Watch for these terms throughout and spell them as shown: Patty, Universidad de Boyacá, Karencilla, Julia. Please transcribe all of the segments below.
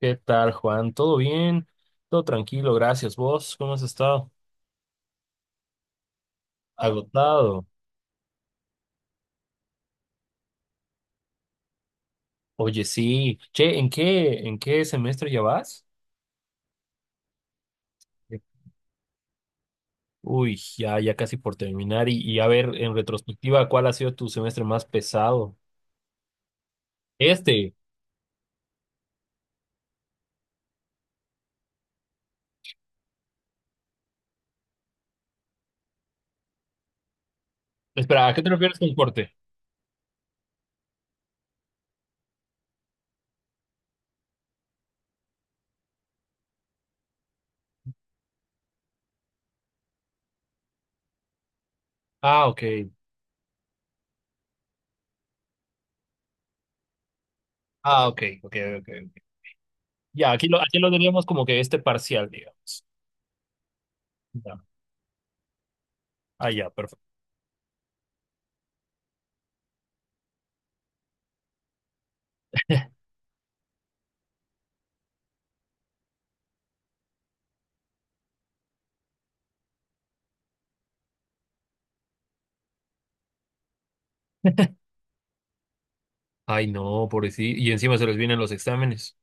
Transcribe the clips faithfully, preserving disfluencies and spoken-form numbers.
¿Qué tal, Juan? ¿Todo bien? Todo tranquilo, gracias. ¿Vos cómo has estado? Agotado. Oye, sí. Che, ¿en qué, en qué semestre ya vas? Uy, ya, ya casi por terminar. Y, y a ver, en retrospectiva, ¿cuál ha sido tu semestre más pesado? Este. Espera, ¿a qué te refieres con corte? Ah, ok. Ah, ok, ok, ok, ok. Ya, aquí lo, aquí lo diríamos como que este parcial, digamos. Ya. Ah, ya, perfecto. Ay, no, pobrecito. Y encima se les vienen los exámenes.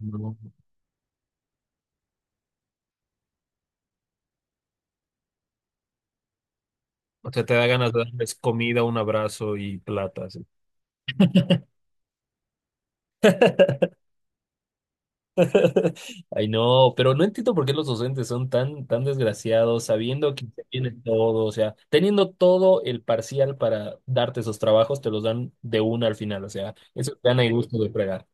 No. O sea, te da ganas de darles comida, un abrazo y plata, así. Ay, no, pero no entiendo por qué los docentes son tan, tan desgraciados, sabiendo que se tiene todo, o sea, teniendo todo el parcial para darte esos trabajos, te los dan de una al final, o sea, eso es gana y gusto de fregar.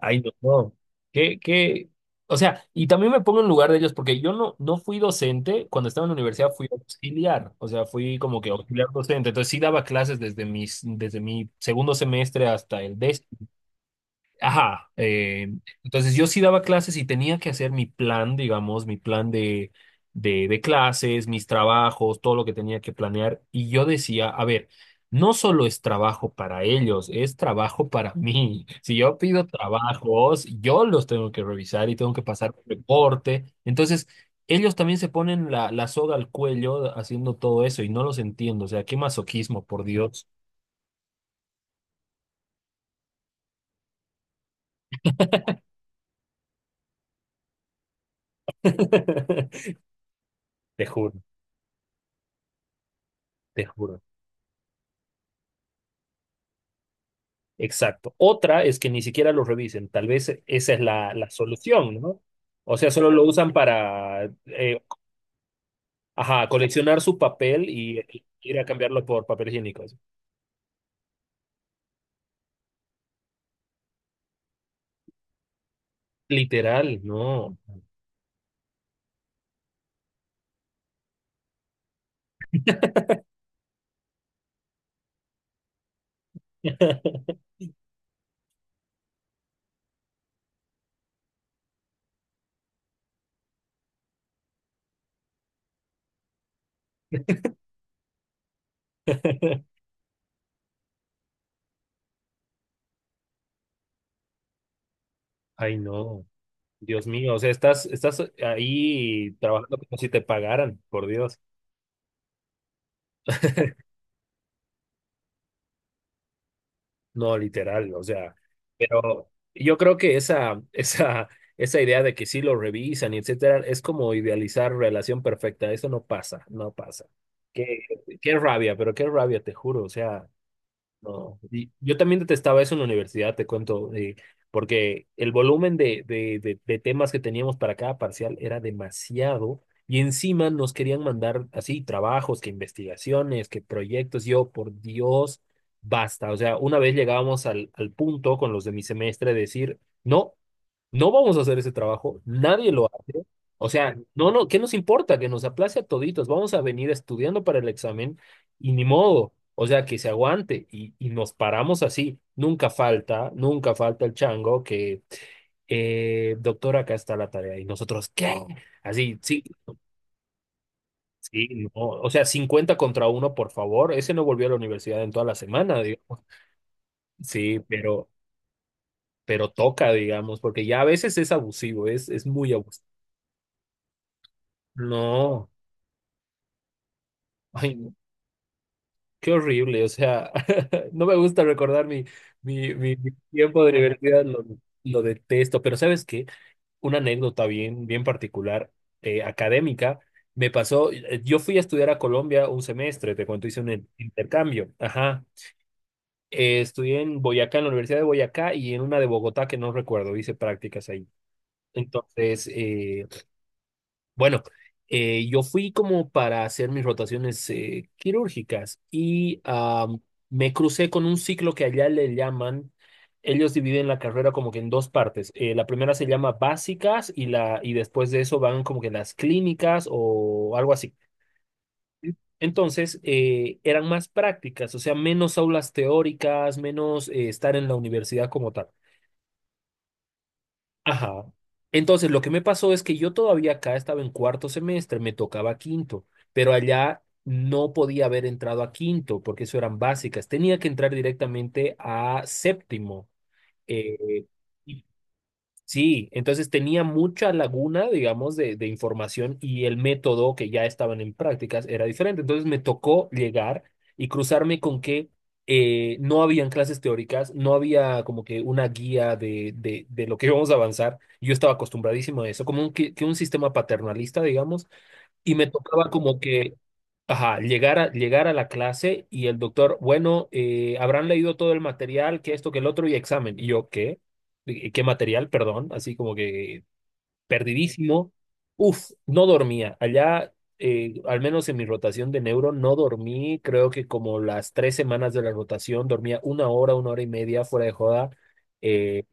Ay, no, no. ¿Qué, qué? O sea, y también me pongo en lugar de ellos, porque yo no, no fui docente. Cuando estaba en la universidad fui auxiliar, o sea, fui como que auxiliar docente, entonces sí daba clases desde mis, desde mi segundo semestre hasta el décimo. Ajá, eh, entonces yo sí daba clases y tenía que hacer mi plan, digamos, mi plan de, de, de clases, mis trabajos, todo lo que tenía que planear. Y yo decía, a ver, no solo es trabajo para ellos, es trabajo para mí. Si yo pido trabajos, yo los tengo que revisar y tengo que pasar un reporte. Entonces, ellos también se ponen la, la soga al cuello haciendo todo eso y no los entiendo. O sea, qué masoquismo, por Dios. Te juro, te juro. Exacto. Otra es que ni siquiera los revisen. Tal vez esa es la, la solución, ¿no? O sea, solo lo usan para, eh, ajá, coleccionar su papel y ir a cambiarlo por papel higiénico. Literal, no. Ay, no. Dios mío, o sea, estás, estás ahí trabajando como si te pagaran, por Dios. No, literal, o sea, pero yo creo que esa, esa, esa idea de que sí lo revisan y etcétera, es como idealizar relación perfecta. Eso no pasa, no pasa. Qué, qué rabia, pero qué rabia, te juro. O sea, no, y yo también detestaba eso en la universidad, te cuento, eh, porque el volumen de, de, de, de temas que teníamos para cada parcial era demasiado y encima nos querían mandar así trabajos, que investigaciones, que proyectos. Yo, por Dios, basta. O sea, una vez llegábamos al, al punto con los de mi semestre de decir, no, no vamos a hacer ese trabajo, nadie lo hace. O sea, no, no, ¿qué nos importa? Que nos aplace a toditos, vamos a venir estudiando para el examen y ni modo, o sea, que se aguante y, y nos paramos así. Nunca falta, nunca falta el chango que, eh, doctor, acá está la tarea. Y nosotros, ¿qué? Así, sí, sí, no. O sea, cincuenta contra uno, por favor. Ese no volvió a la universidad en toda la semana, digamos. Sí, pero, pero toca, digamos, porque ya a veces es abusivo, es, es muy abusivo. No, ay, no, qué horrible, o sea, no me gusta recordar mi, mi, mi, mi tiempo de universidad, lo, lo detesto, pero ¿sabes qué? Una anécdota bien, bien particular, eh, académica. Me pasó, eh, yo fui a estudiar a Colombia un semestre, te cuento, hice un in- intercambio. Ajá. Eh, estudié en Boyacá, en la Universidad de Boyacá y en una de Bogotá que no recuerdo, hice prácticas ahí. Entonces, eh, bueno, eh, yo fui como para hacer mis rotaciones eh, quirúrgicas y ah, me crucé con un ciclo que allá le llaman, ellos dividen la carrera como que en dos partes. Eh, la primera se llama básicas y, la, y después de eso van como que las clínicas o algo así. Entonces, eh, eran más prácticas, o sea, menos aulas teóricas, menos eh, estar en la universidad como tal. Ajá. Entonces, lo que me pasó es que yo todavía acá estaba en cuarto semestre, me tocaba quinto, pero allá no podía haber entrado a quinto porque eso eran básicas. Tenía que entrar directamente a séptimo. eh, Sí, entonces tenía mucha laguna, digamos, de, de información, y el método que ya estaban en prácticas era diferente. Entonces me tocó llegar y cruzarme con que eh, no habían clases teóricas, no había como que una guía de, de, de lo que íbamos a avanzar. Yo estaba acostumbradísimo a eso, como un, que, que un sistema paternalista, digamos, y me tocaba como que. Ajá, llegar a, llegar a la clase y el doctor, bueno, eh, habrán leído todo el material, que esto, que el otro, y examen. Y yo, ¿qué? Eh, ¿Qué material? Perdón, así como que perdidísimo. Uf, no dormía. Allá, eh, al menos en mi rotación de neuro, no dormí. Creo que como las tres semanas de la rotación, dormía una hora, una hora y media fuera de joda. Eh,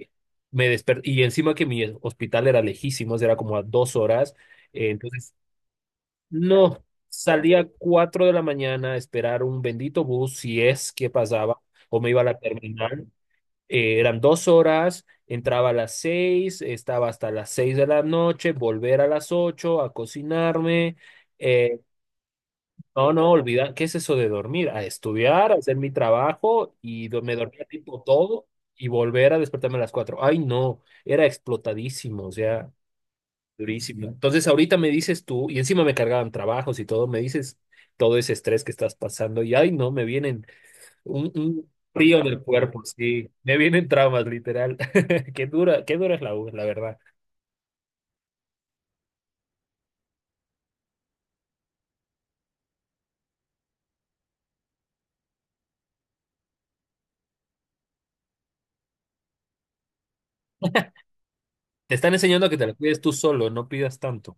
me desper- y encima que mi hospital era lejísimo, era como a dos horas. Eh, entonces no, salía cuatro de la mañana a esperar un bendito bus, si es que pasaba, o me iba a la terminal. Eh, eran dos horas, entraba a las seis, estaba hasta las seis de la noche, volver a las ocho a cocinarme. Eh, no, no, olvidar, ¿qué es eso de dormir? A estudiar, a hacer mi trabajo y do- me dormía tipo todo y volver a despertarme a las cuatro. Ay, no, era explotadísimo, o sea. Durísimo. Entonces, ahorita me dices tú, y encima me cargaban trabajos y todo, me dices todo ese estrés que estás pasando, y ay, no, me vienen un, un frío en el cuerpo, sí, me vienen traumas, literal. Qué dura, qué dura es la U, la verdad. Te están enseñando a que te la cuides tú solo, no pidas tanto,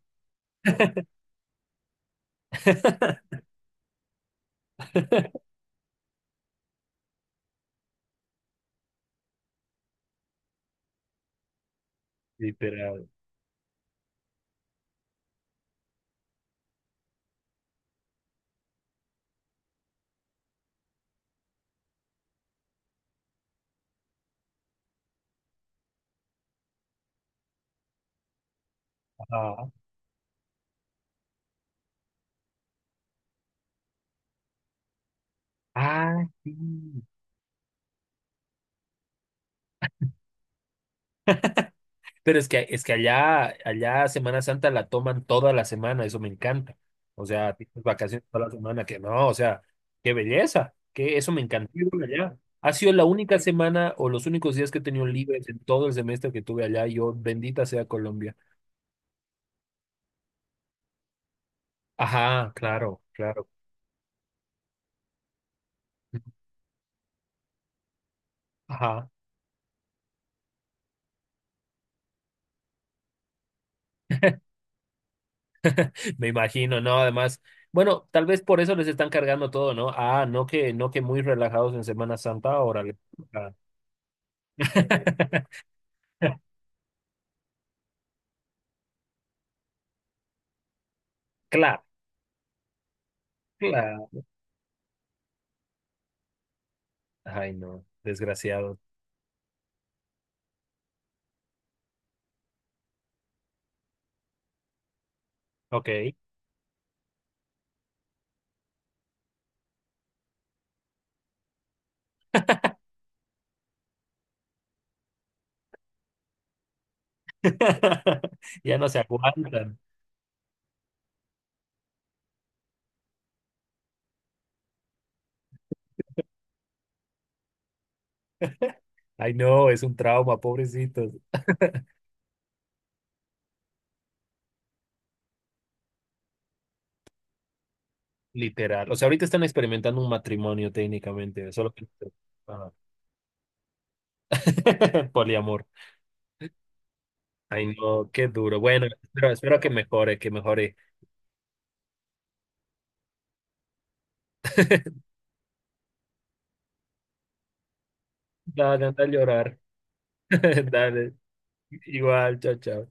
literal. Ajá. Ah, sí. Pero es que, es que allá, allá Semana Santa la toman toda la semana, eso me encanta. O sea, tienes vacaciones toda la semana, que no, o sea, qué belleza, que eso me encantó ir allá. Ha sido la única semana o los únicos días que he tenido libres en todo el semestre que tuve allá. Yo, bendita sea Colombia. Ajá, claro, claro. Ajá, me imagino, ¿no? Además, bueno, tal vez por eso les están cargando todo, ¿no? Ah, no que, no que muy relajados en Semana Santa, órale. Ah. Claro, claro. Ay, no, desgraciado. Ok. Ya no se aguantan. Ay, no, es un trauma, pobrecitos. Literal. O sea, ahorita están experimentando un matrimonio técnicamente, solo que... Ah. Poliamor. Ay, no, qué duro. Bueno, espero, espero que mejore, que mejore. Dale, anda a llorar. Dale. Igual, chao, chao.